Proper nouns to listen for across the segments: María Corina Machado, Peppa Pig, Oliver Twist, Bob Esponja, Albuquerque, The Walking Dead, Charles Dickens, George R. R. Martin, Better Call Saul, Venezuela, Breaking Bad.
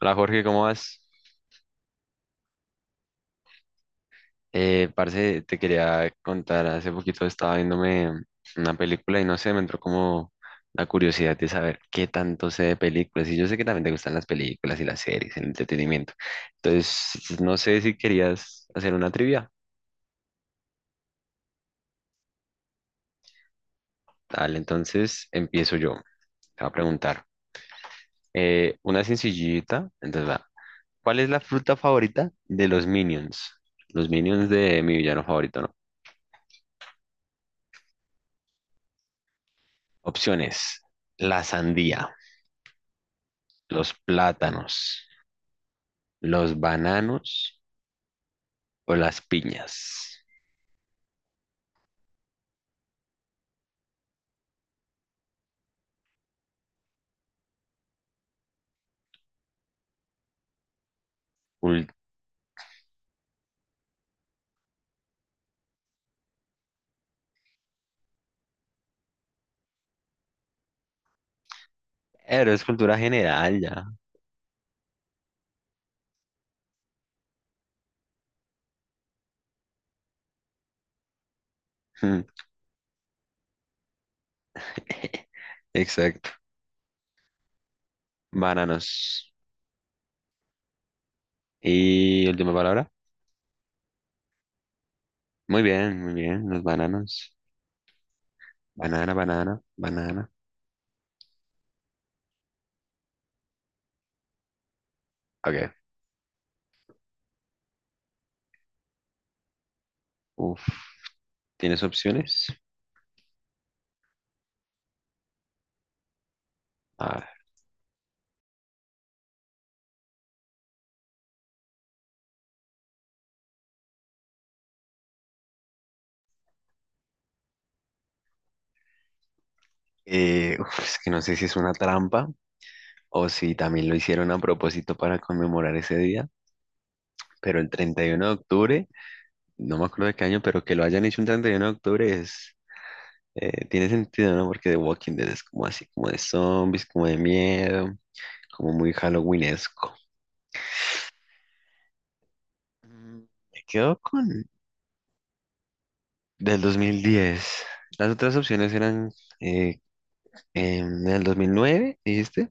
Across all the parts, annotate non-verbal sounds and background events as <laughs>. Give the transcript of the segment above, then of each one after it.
Hola Jorge, ¿cómo vas? Parce, te quería contar, hace poquito estaba viéndome una película y no sé, me entró como la curiosidad de saber qué tanto sé de películas. Y yo sé que también te gustan las películas y las series, el entretenimiento. Entonces, no sé si querías hacer una trivia. Dale, entonces empiezo yo. Te voy a preguntar. Una sencillita, entonces va. ¿Cuál es la fruta favorita de los Minions? Los Minions de mi villano favorito, ¿no? Opciones: la sandía, los plátanos, los bananos o las piñas. Cul- Pero es cultura general ya. <laughs> Exacto. Bananos. Y última palabra. Muy bien, muy bien. Los bananos. Banana, banana, banana. Ok. Uf. ¿Tienes opciones? A ver. Uf, es que no sé si es una trampa o si también lo hicieron a propósito para conmemorar ese día. Pero el 31 de octubre, no me acuerdo de qué año, pero que lo hayan hecho un 31 de octubre es. Tiene sentido, ¿no? Porque The Walking Dead es como así, como de zombies, como de miedo, como muy Halloweenesco. Mm, Me quedo con del 2010. Las otras opciones eran eh, del 2009, dijiste.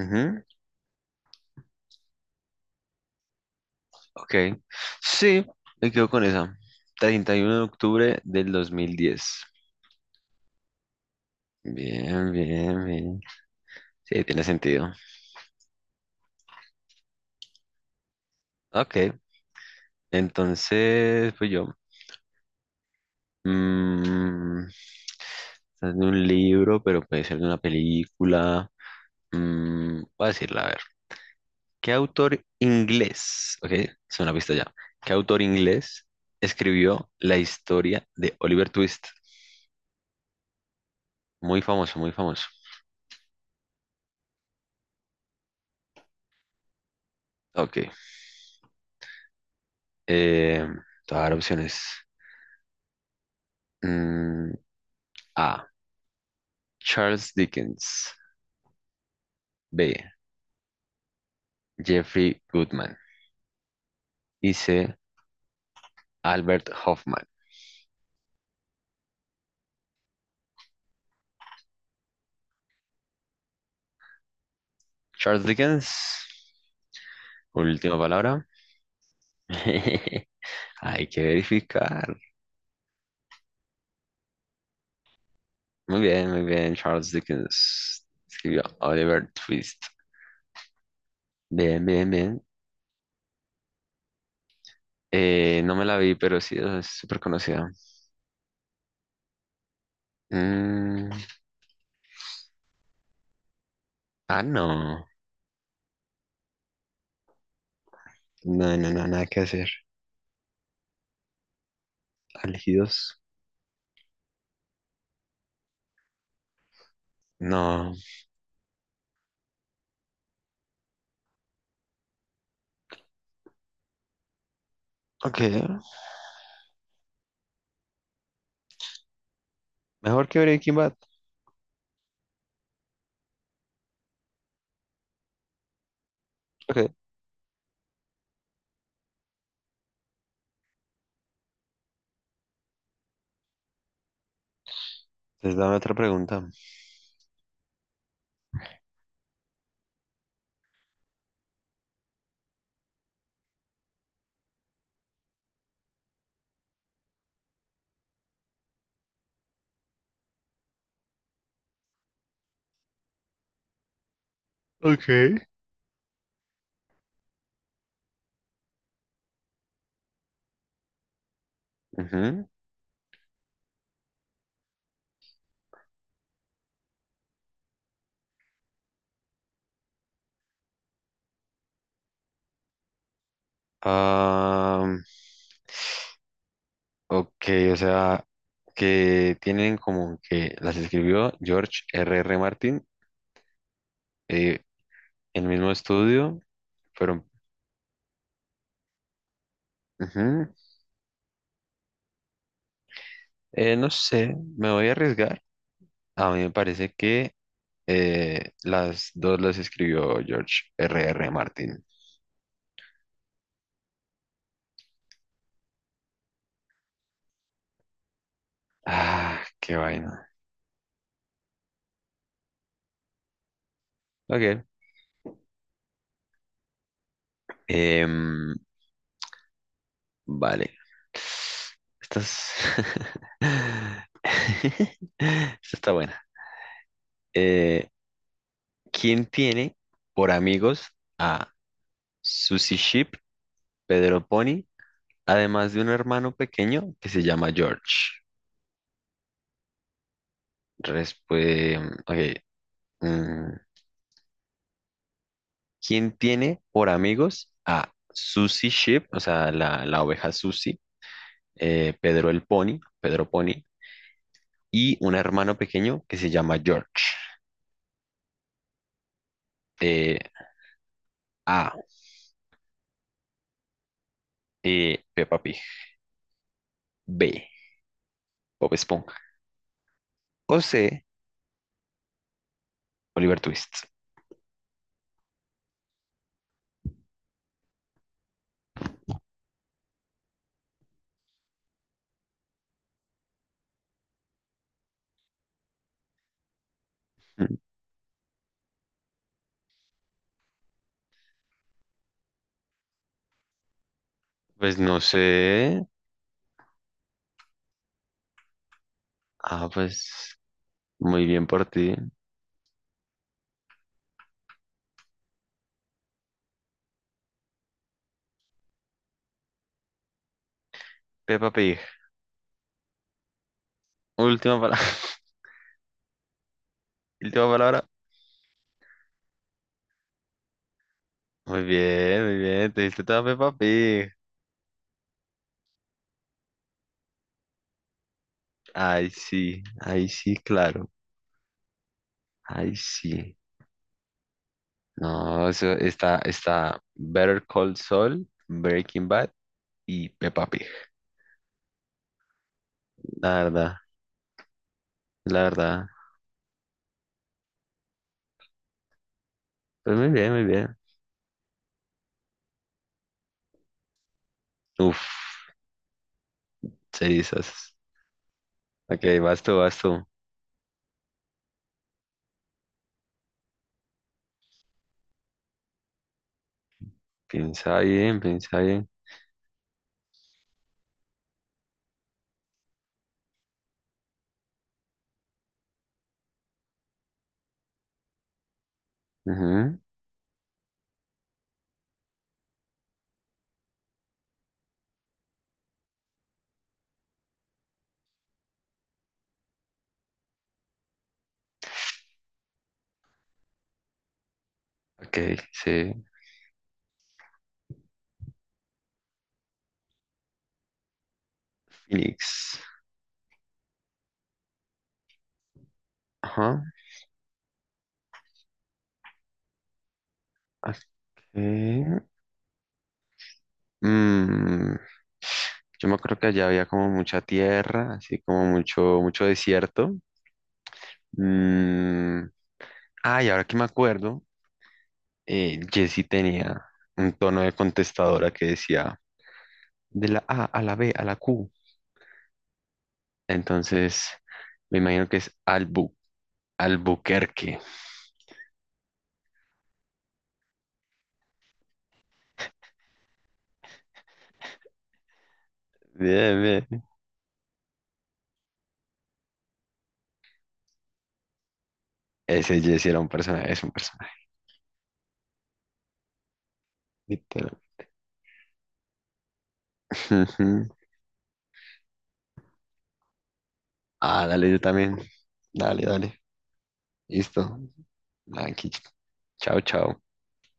Ujú. Ok. Sí, me quedo con esa. 31 de octubre del 2010. Bien, bien, bien. Sí, tiene sentido. Ok, entonces, pues yo. Es de un libro, pero puede ser de una película. Voy a decirla, a ver. ¿Qué autor inglés? Ok, es una pista ya. ¿Qué autor inglés escribió la historia de Oliver Twist? Muy famoso, muy famoso. Ok. Eh, Te voy a dar opciones. Mm, A: Charles Dickens. B: Jeffrey Goodman. Y C: Albert Hoffman. Charles Dickens. Última palabra. <laughs> Hay que verificar. Muy bien, muy bien. Charles Dickens escribió Oliver Twist. Bien, bien, bien. No me la vi, pero sí es súper conocida. Mm, ah, no. No, no, no, nada que hacer. Elegidos. No. Ok. Mejor que Breaking Bad. Ok. Entonces dame otra pregunta. Ok. Ujú. Ah, ok, o sea, que tienen como que las escribió George R. R. Martin. eh, El mismo estudio, pero ujú. No sé, me voy a arriesgar. A mí me parece que las dos las escribió George R. R. Martin. Ah, qué vaina. Ok. Em, vale. Estas. <laughs> Esta está buena. Eh, ¿Quién tiene por amigos a Susie Sheep, Pedro Pony, además de un hermano pequeño que se llama George? Respuesta. Ok. mm, ¿Quién tiene por amigos a Susie Sheep, o sea, la oveja Susie, Pedro Pony, y un hermano pequeño que se llama George? Eh, A: Peppa Pig. B: Bob Esponja. O C: Oliver Twist. Mm, Pues no sé. Ah, pues muy bien por ti. Peppa Pig. Última palabra. <laughs> Última palabra. Muy bien, muy bien. Te diste toda Peppa Pig. Ay sí, ahí sí, claro. Ay sí. No, eso está, está Better Call Saul, Breaking Bad y Peppa Pig. La verdad, la verdad. Pues muy bien, muy bien. Uf, cerizas. Ok, vas tú, vas tú. Piensa bien, piensa bien. Ujú. Ok, sí. Phoenix. Ajá. Ok. Mm, Yo me acuerdo que allá había como mucha tierra, así como mucho, mucho desierto. Mm, Ah, y ahora que me acuerdo, Jessy tenía un tono de contestadora que decía de la A a la B a la Q. Entonces, me imagino que es Albuquerque. Bien, bien. Ese Jessy era un personaje, es un personaje. Literal. <laughs> Ujú. Ah, dale, yo también. Dale, dale. Listo. Aquí. Chao, chao.